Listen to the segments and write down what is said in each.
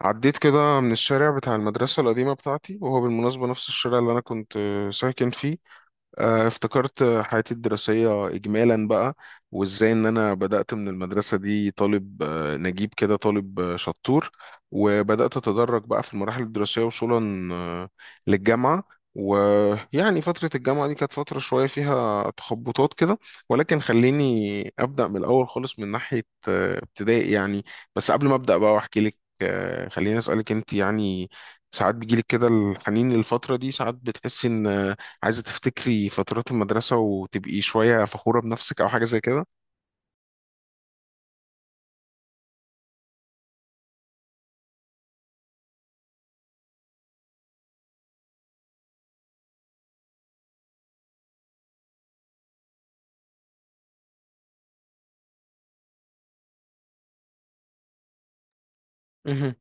عديت كده من الشارع بتاع المدرسة القديمة بتاعتي، وهو بالمناسبة نفس الشارع اللي أنا كنت ساكن فيه. افتكرت حياتي الدراسية إجمالا بقى، وإزاي إن أنا بدأت من المدرسة دي طالب نجيب كده، طالب شطور، وبدأت أتدرج بقى في المراحل الدراسية وصولا للجامعة. ويعني فترة الجامعة دي كانت فترة شوية فيها تخبطات كده، ولكن خليني أبدأ من الأول خالص، من ناحية ابتدائي يعني. بس قبل ما أبدأ بقى وأحكي لك، خليني أسألك أنت يعني، ساعات بيجيلك كده الحنين للفترة دي؟ ساعات بتحسي إن عايزة تفتكري فترات المدرسة وتبقي شوية فخورة بنفسك أو حاجة زي كده؟ مهم.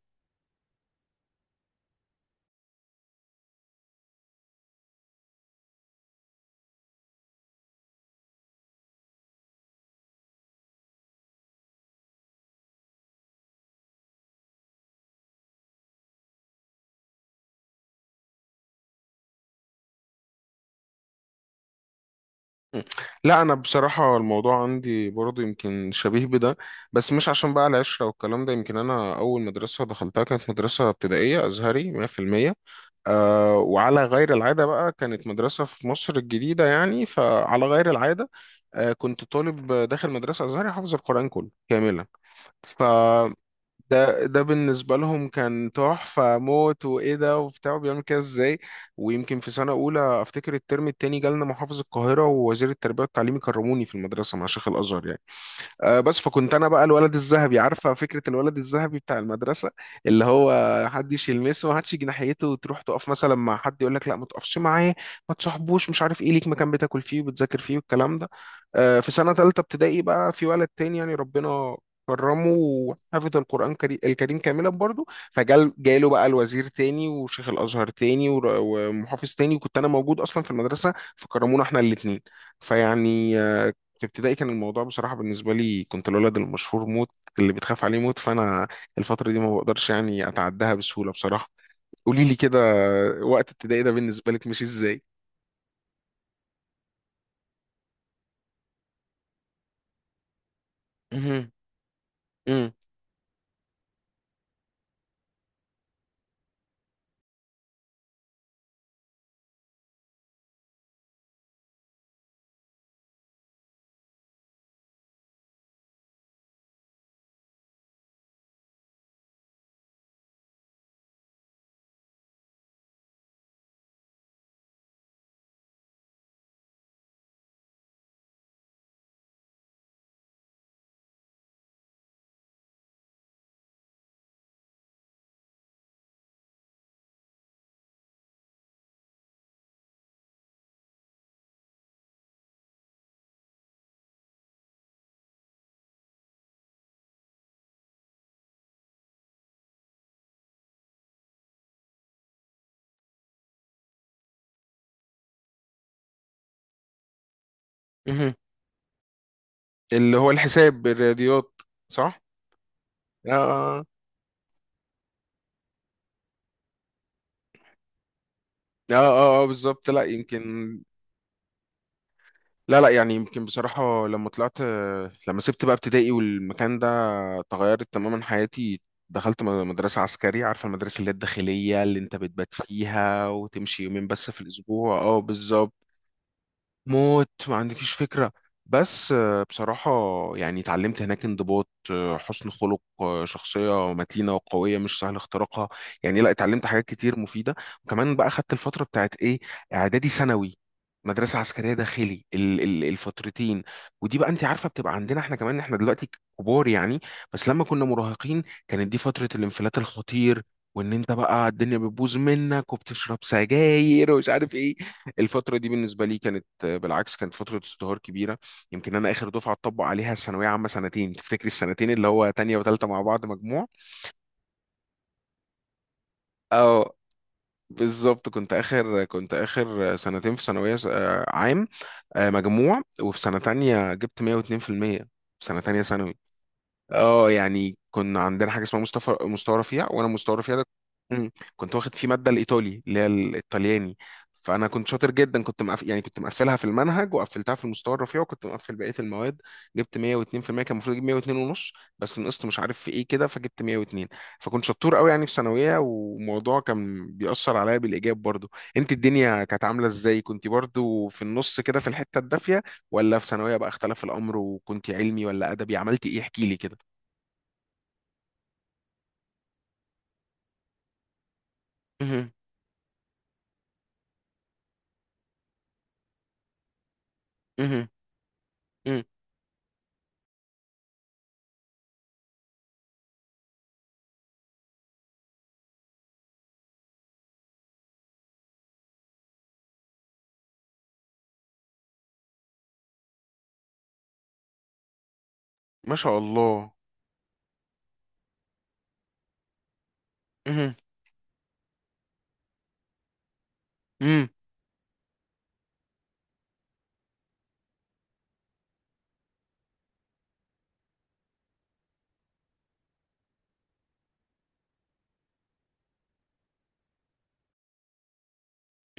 لا، أنا بصراحة الموضوع عندي برضه يمكن شبيه بده. بس مش عشان بقى العشرة والكلام ده، يمكن أنا أول مدرسة دخلتها كانت مدرسة ابتدائية أزهري 100%. أه، وعلى غير العادة بقى كانت مدرسة في مصر الجديدة يعني، فعلى غير العادة أه كنت طالب داخل مدرسة أزهري حافظ القرآن كله كاملا. ف ده بالنسبة لهم كان تحفة موت، وإيه ده، وبتاع بيعمل كده إزاي؟ ويمكن في سنة أولى أفتكر الترم التاني جالنا محافظ القاهرة ووزير التربية والتعليم يكرموني في المدرسة مع شيخ الأزهر يعني. بس فكنت انا بقى الولد الذهبي، عارفه فكره الولد الذهبي بتاع المدرسه، اللي هو محدش يلمسه، محدش يجي ناحيته، وتروح تقف مثلا مع حد يقول لك لا ما تقفش معاه، ما تصاحبوش، مش عارف ايه، ليك مكان بتاكل فيه وبتذاكر فيه والكلام ده. في سنه ثالثه ابتدائي بقى في ولد تاني يعني ربنا كرمه وحفظ القرآن الكريم كاملا برضه. جاله بقى الوزير تاني وشيخ الأزهر تاني ومحافظ تاني، وكنت أنا موجود أصلا في المدرسة، فكرمونا احنا الاتنين. فيعني في ابتدائي كان الموضوع بصراحة بالنسبة لي كنت الولد المشهور موت، اللي بتخاف عليه موت. فأنا الفترة دي ما بقدرش يعني أتعداها بسهولة بصراحة. قولي لي كده، وقت ابتدائي ده بالنسبة لك مش إزاي؟ مهم. مم. مهم. اللي هو الحساب، الرياضيات، صح؟ اه اه. اه اه. بالظبط. لا يمكن، لا لا يعني يمكن بصراحة، لما طلعت، لما سبت بقى ابتدائي والمكان ده تغيرت تماما حياتي. دخلت مدرسة عسكرية، عارفة المدرسة اللي هي الداخلية اللي انت بتبات فيها وتمشي يومين بس في الأسبوع؟ اه بالظبط. موت، ما عندكيش فكرة. بس بصراحة يعني اتعلمت هناك انضباط، حسن خلق، شخصية متينة وقوية مش سهل اختراقها، يعني لا، اتعلمت حاجات كتير مفيدة. وكمان بقى خدت الفترة بتاعت ايه، اعدادي ثانوي، مدرسة عسكرية داخلي الفترتين. ودي بقى انت عارفة بتبقى عندنا احنا كمان، احنا دلوقتي كبار يعني، بس لما كنا مراهقين كانت دي فترة الانفلات الخطير، وان انت بقى الدنيا بتبوظ منك وبتشرب سجاير ومش عارف ايه. الفترة دي بالنسبة لي كانت بالعكس، كانت فترة ازدهار كبيرة. يمكن أنا آخر دفعة اتطبق عليها الثانوية عامة سنتين، تفتكري السنتين اللي هو تانية وتالتة مع بعض مجموع؟ اه بالظبط. كنت آخر، كنت آخر سنتين في ثانوية عام. مجموع، وفي سنة تانية جبت 102% في المية، في سنة تانية ثانوي. اه يعني كنا عندنا حاجه اسمها مستوى رفيع، وانا مستوى رفيع ده. مم. كنت واخد فيه ماده الايطالي، اللي هي الايطالياني. فانا كنت شاطر جدا، كنت يعني كنت مقفلها في المنهج، وقفلتها في المستوى الرفيع، وكنت مقفل بقيه المواد. جبت 102%. كان المفروض اجيب 102 ونص، بس نقصت مش عارف في ايه كده، فجبت 102. فكنت شطور قوي يعني في ثانويه، وموضوع كان بيأثر عليا بالايجاب برضو. انت الدنيا كانت عامله ازاي؟ كنت برضو في النص كده في الحته الدافيه، ولا في ثانويه بقى اختلف الامر، وكنت علمي ولا ادبي، عملت ايه؟ احكي لي كده. مهم. مهم. مهم. ما شاء الله. مهم. مم.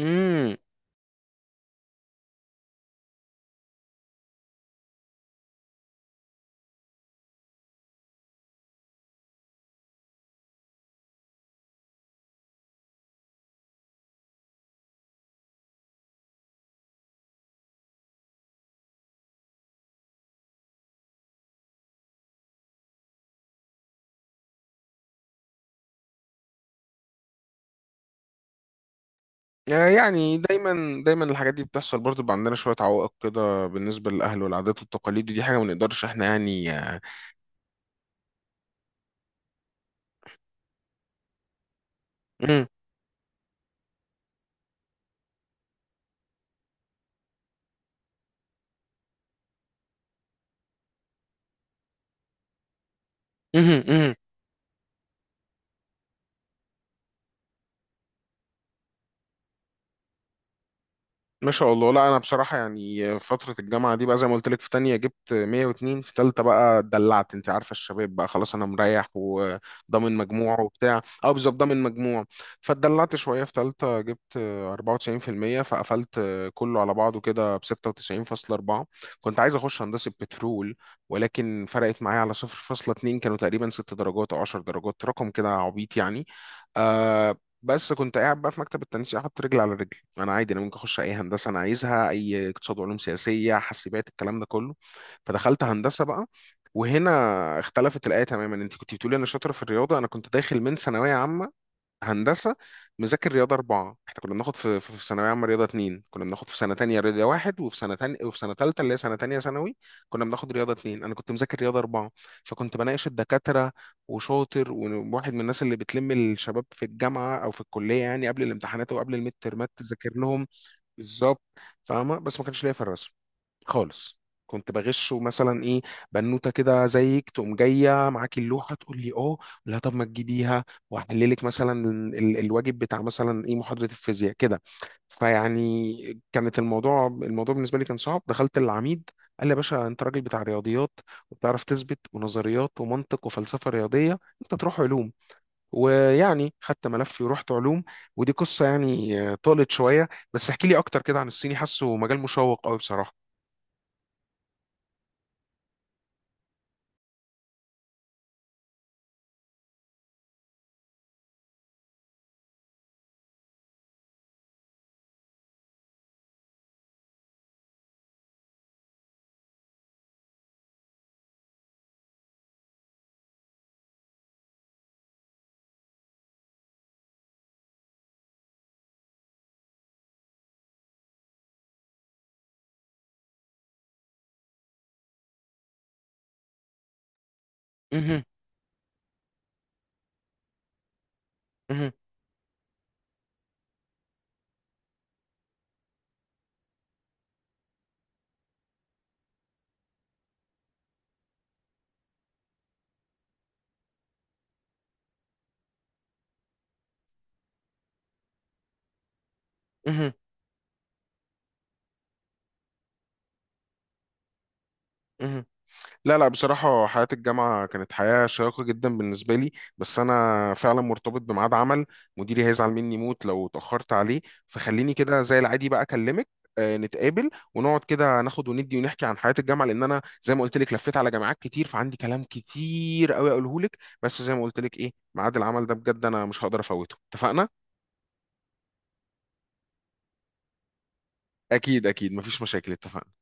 مم. يعني دايما دايما الحاجات دي بتحصل برضه، بيبقى عندنا شوية عوائق كده بالنسبة للأهل والعادات والتقاليد، ودي حاجة ما نقدرش احنا يعني. مم. مهم. مهم. ما شاء الله. لا انا بصراحه يعني فتره الجامعه دي بقى زي ما قلت لك، في تانية جبت 102، في تالتة بقى اتدلعت، انت عارفه الشباب بقى، خلاص انا مريح وضامن مجموع وبتاع. اه بالظبط ضامن مجموع. فاتدلعت شويه، في تالتة جبت 94%، فقفلت كله على بعضه كده ب 96.4. كنت عايز اخش هندسه بترول، ولكن فرقت معايا على 0.2، كانوا تقريبا 6 درجات او 10 درجات، رقم كده عبيط يعني. آه، بس كنت قاعد بقى في مكتب التنسيق حاطط رجل على رجل، انا عادي انا ممكن اخش اي هندسه انا عايزها، اي اقتصاد وعلوم سياسيه حاسبات، الكلام ده كله. فدخلت هندسه بقى. وهنا اختلفت الايه تماما. انت كنت بتقولي انا شاطره في الرياضه، انا كنت داخل من ثانويه عامه هندسه مذاكر رياضه اربعه. احنا كنا بناخد في ثانويه عامه رياضه اتنين، كنا بناخد في سنه تانية رياضه واحد، وفي سنه تالتة اللي هي سنه تانية ثانوي كنا بناخد رياضه اتنين، انا كنت مذاكر رياضه اربعه. فكنت بناقش الدكاتره وشاطر، وواحد من الناس اللي بتلم الشباب في الجامعه او في الكليه يعني قبل الامتحانات وقبل الميد ترمات تذاكر لهم. بالظبط. فاهمه. بس ما كانش ليا في الرسم خالص. كنت بغشه، مثلا ايه، بنوته كده زيك تقوم جايه معاكي اللوحه تقول لي اه لا طب ما تجيبيها، واحللك مثلا الواجب بتاع مثلا ايه محاضره الفيزياء كده. فيعني كانت الموضوع بالنسبه لي كان صعب. دخلت العميد قال لي يا باشا، انت راجل بتاع رياضيات، وبتعرف تثبت ونظريات ومنطق وفلسفه رياضيه، انت تروح علوم. ويعني خدت ملفي ورحت علوم. ودي قصه يعني طالت شويه. بس احكي لي اكتر كده عن الصيني، حاسه مجال مشوق قوي بصراحه. مهم. مهم. مهم. لا لا، بصراحة حياة الجامعة كانت حياة شيقة جدا بالنسبة لي. بس أنا فعلا مرتبط بميعاد عمل، مديري هيزعل مني موت لو اتأخرت عليه. فخليني كده زي العادي بقى أكلمك، نتقابل ونقعد كده، ناخد وندي ونحكي عن حياة الجامعة، لأن أنا زي ما قلت لك لفيت على جامعات كتير فعندي كلام كتير أوي أقوله لك. بس زي ما قلت لك إيه، ميعاد العمل ده بجد أنا مش هقدر أفوته، اتفقنا؟ أكيد أكيد، مفيش مشاكل. اتفقنا.